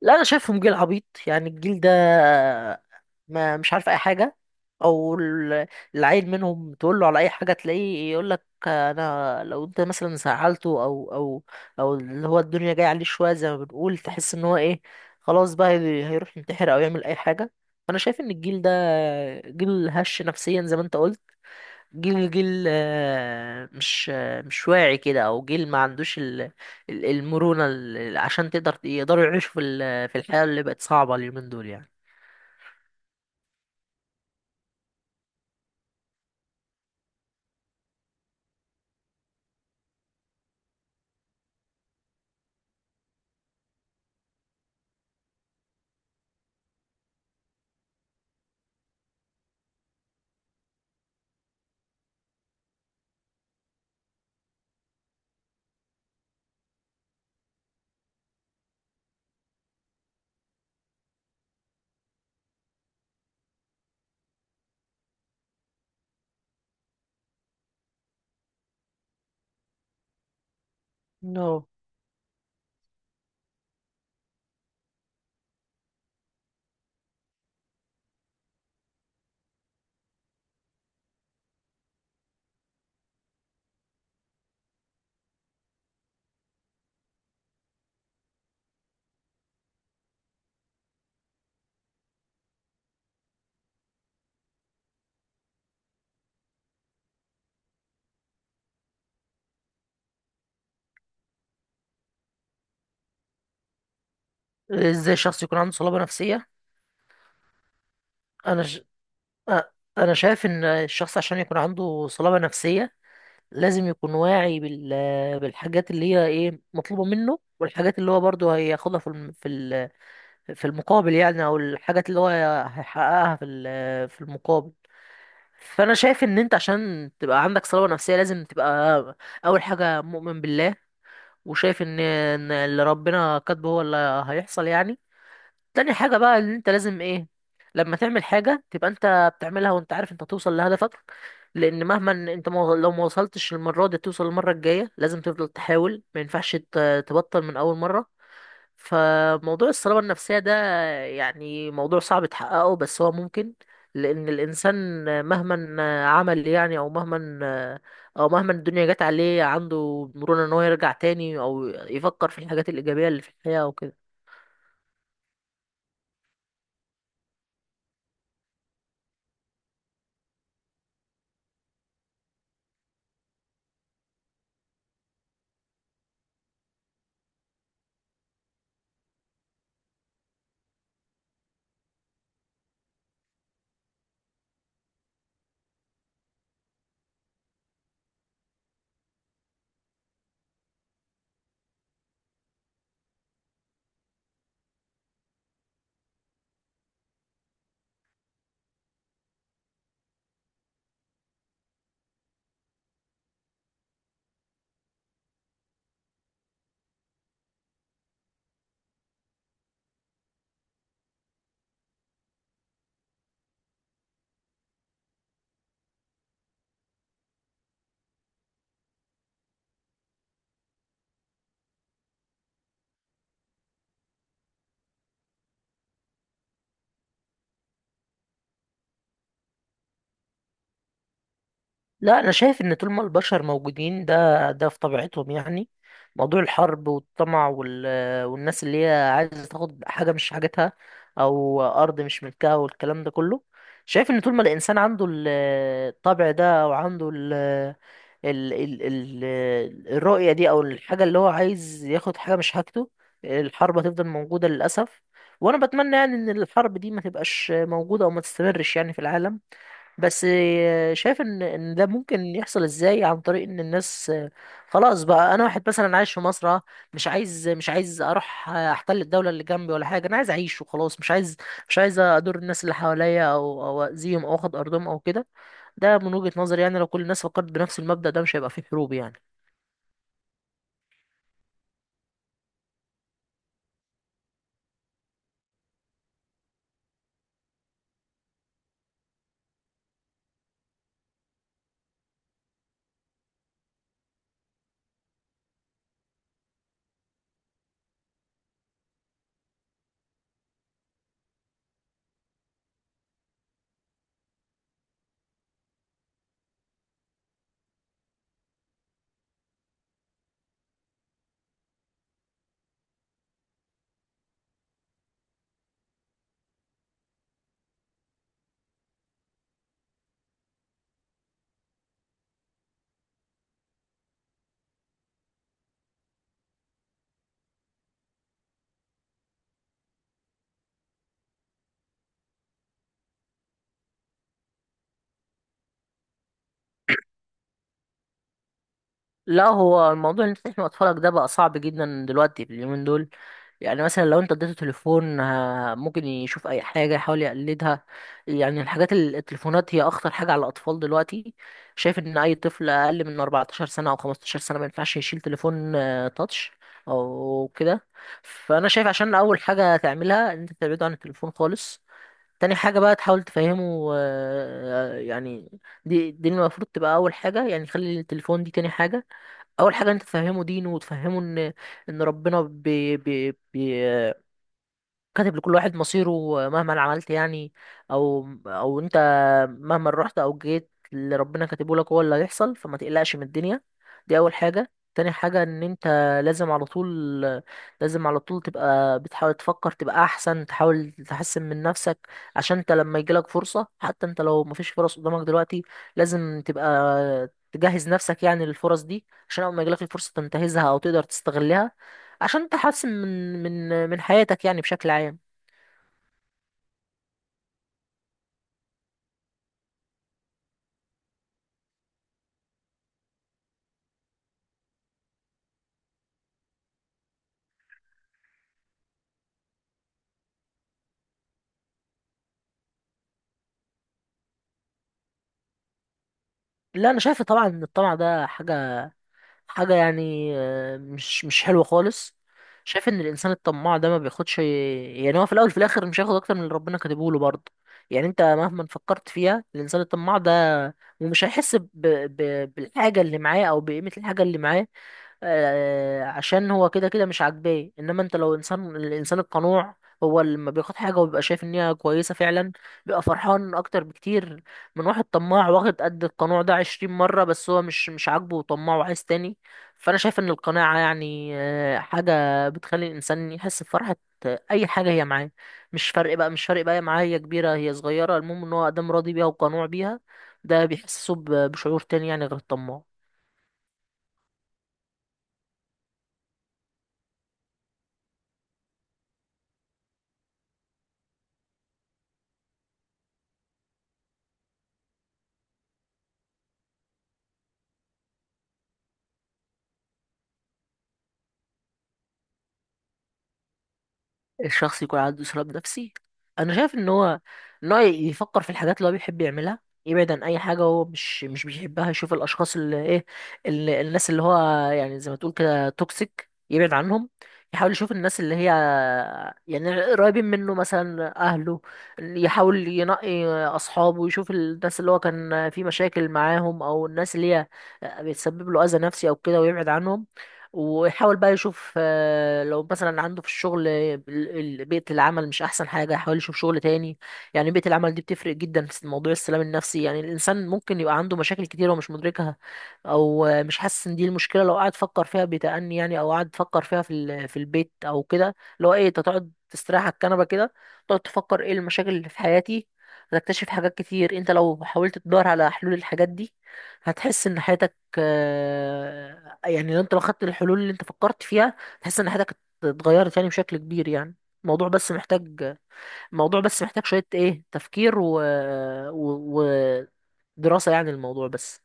لا، انا شايفهم جيل عبيط يعني. الجيل ده ما مش عارف اي حاجه، او ال- العيل منهم تقول له على اي حاجه تلاقيه يقول لك انا لو انت مثلا زعلته او اللي هو الدنيا جايه عليه شويه زي ما بنقول، تحس ان هو ايه، خلاص بقى هيروح ينتحر او يعمل اي حاجه. فانا شايف ان الجيل ده جيل هش نفسيا زي ما انت قلت. جيل مش مش واعي كده، او جيل ما عندوش المرونة عشان يقدروا يعيشوا في الحياة اللي بقت صعبة اليومين دول يعني. نو. ازاي الشخص يكون عنده صلابة نفسية؟ انا ش... أ- انا شايف ان الشخص عشان يكون عنده صلابة نفسية لازم يكون واعي بالحاجات اللي هي ايه مطلوبة منه، والحاجات اللي هو برضه هياخدها في المقابل يعني، او الحاجات اللي هو هيحققها في المقابل. فانا شايف ان انت عشان تبقى عندك صلابة نفسية لازم تبقى اول حاجة مؤمن بالله، وشايف ان اللي ربنا كاتبه هو اللي هيحصل يعني. تاني حاجة بقى ان انت لازم ايه، لما تعمل حاجة تبقى انت بتعملها وانت عارف انت هتوصل لهدفك، لان مهما إن انت ما- لو ما وصلتش المرة دي توصل المرة الجاية. لازم تفضل تحاول، ما ينفعش تبطل من اول مرة. فموضوع الصلابة النفسية ده يعني موضوع صعب تحققه بس هو ممكن، لأن الإنسان مهما عمل يعني أو مهما الدنيا جت عليه عنده مرونة إن هو يرجع تاني، أو يفكر في الحاجات الإيجابية اللي في الحياة وكده. لا، انا شايف ان طول ما البشر موجودين ده في طبيعتهم يعني. موضوع الحرب والطمع والناس اللي هي عايزه تاخد حاجه مش حاجتها، او ارض مش ملكها والكلام ده كله. شايف ان طول ما الانسان عنده الطبع ده او عنده ال... ال... ال... الرؤيه دي، او الحاجه اللي هو عايز ياخد حاجه مش حاجته، الحرب هتفضل موجوده للاسف. وانا بتمنى يعني ان الحرب دي ما تبقاش موجوده او ما تستمرش يعني في العالم، بس شايف ان ده ممكن يحصل ازاي، عن طريق ان الناس خلاص بقى، انا واحد مثلا عايش في مصر مش عايز اروح احتل الدوله اللي جنبي ولا حاجه، انا عايز اعيش وخلاص. مش عايز ادور الناس اللي حواليا او او اذيهم او اخد ارضهم او كده. ده من وجهه نظري يعني، لو كل الناس فكرت بنفس المبدا ده مش هيبقى فيه حروب يعني. لا، هو الموضوع اللي انت تحمي اطفالك ده بقى صعب جدا دلوقتي في اليومين دول. يعني مثلا لو انت اديته تليفون ممكن يشوف اي حاجه يحاول يقلدها. يعني الحاجات التليفونات هي اخطر حاجه على الاطفال دلوقتي. شايف ان اي طفل اقل من 14 سنه او 15 سنه ما ينفعش يشيل تليفون تاتش او كده. فانا شايف عشان اول حاجه تعملها ان انت تبعده عن التليفون خالص. تاني حاجة بقى تحاول تفهمه يعني دي المفروض تبقى أول حاجة يعني، خلي التليفون دي تاني حاجة. أول حاجة أنت تفهمه دينه، وتفهمه إن ان ربنا بي بي بي كاتب لكل واحد مصيره، مهما عملت يعني او او انت مهما رحت او جيت اللي ربنا كاتبه لك هو اللي هيحصل، فما تقلقش من الدنيا. دي اول حاجة. تاني حاجة ان انت لازم على طول لازم على طول تبقى بتحاول تفكر تبقى احسن، تحاول تحسن من نفسك، عشان انت لما يجيلك فرصة، حتى انت لو مفيش فرص قدامك دلوقتي لازم تبقى تجهز نفسك يعني للفرص دي، عشان اول ما يجيلك الفرصة تنتهزها او تقدر تستغلها عشان تحسن من حياتك يعني بشكل عام. لا، انا شايف طبعا ان الطمع ده حاجه يعني مش حلوه خالص. شايف ان الانسان الطماع ده ما بياخدش يعني، هو في الاول وفي الاخر مش هياخد اكتر من اللي ربنا كاتبه له برضه. يعني انت مهما فكرت فيها، الانسان الطماع ده ومش بالحاجه اللي معاه او بقيمه الحاجه اللي معاه، عشان هو كده كده مش عاجباه. انما انت لو الانسان القنوع هو اللي لما بياخد حاجه وبيبقى شايف ان هي كويسه فعلا، بيبقى فرحان اكتر بكتير من واحد طماع واخد قد القنوع ده عشرين مره، بس هو مش عاجبه وطماع وعايز تاني. فانا شايف ان القناعه يعني حاجه بتخلي الانسان يحس بفرحه اي حاجه هي معاه. مش فرق بقى هي معاه، هي كبيره هي صغيره، المهم ان هو ادام راضي بيها وقنوع بيها. ده بيحسسه بشعور تاني يعني غير الطماع. الشخص يكون عنده إسراف نفسي، أنا شايف إن هو يفكر في الحاجات اللي هو بيحب يعملها، يبعد عن أي حاجة هو مش بيحبها. يشوف الأشخاص اللي إيه اللي الناس اللي هو يعني زي ما تقول كده توكسيك يبعد عنهم. يحاول يشوف الناس اللي هي يعني قريبين منه مثلا أهله. يحاول ينقي أصحابه، يشوف الناس اللي هو كان في مشاكل معاهم أو الناس اللي هي بتسبب له أذى نفسي أو كده ويبعد عنهم. ويحاول بقى يشوف لو مثلا عنده في الشغل بيئة العمل مش أحسن حاجة يحاول يشوف شغل تاني، يعني بيئة العمل دي بتفرق جدا في موضوع السلام النفسي. يعني الإنسان ممكن يبقى عنده مشاكل كتيرة ومش مدركها، أو مش حاسس إن دي المشكلة. لو قعد فكر فيها بتأني يعني، أو قعد فكر فيها في البيت أو كده، اللي هو إيه أنت تقعد تستريح على الكنبة كده تقعد تفكر إيه المشاكل اللي في حياتي، هتكتشف حاجات كتير. أنت لو حاولت تدور على حلول الحاجات دي هتحس إن حياتك يعني انت لو خدت الحلول اللي انت فكرت فيها تحس ان حياتك اتغيرت يعني بشكل كبير يعني. الموضوع بس محتاج الموضوع بس محتاج شوية ايه تفكير و... ودراسة يعني الموضوع بس.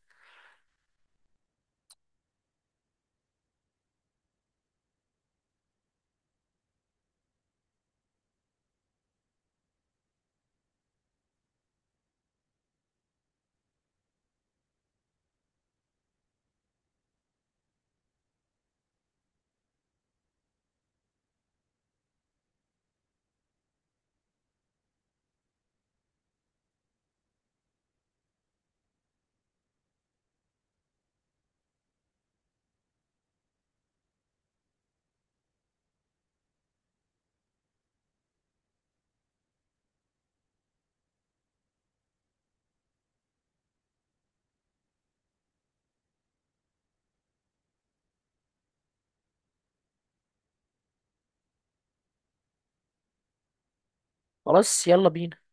خلاص، يلا بينا.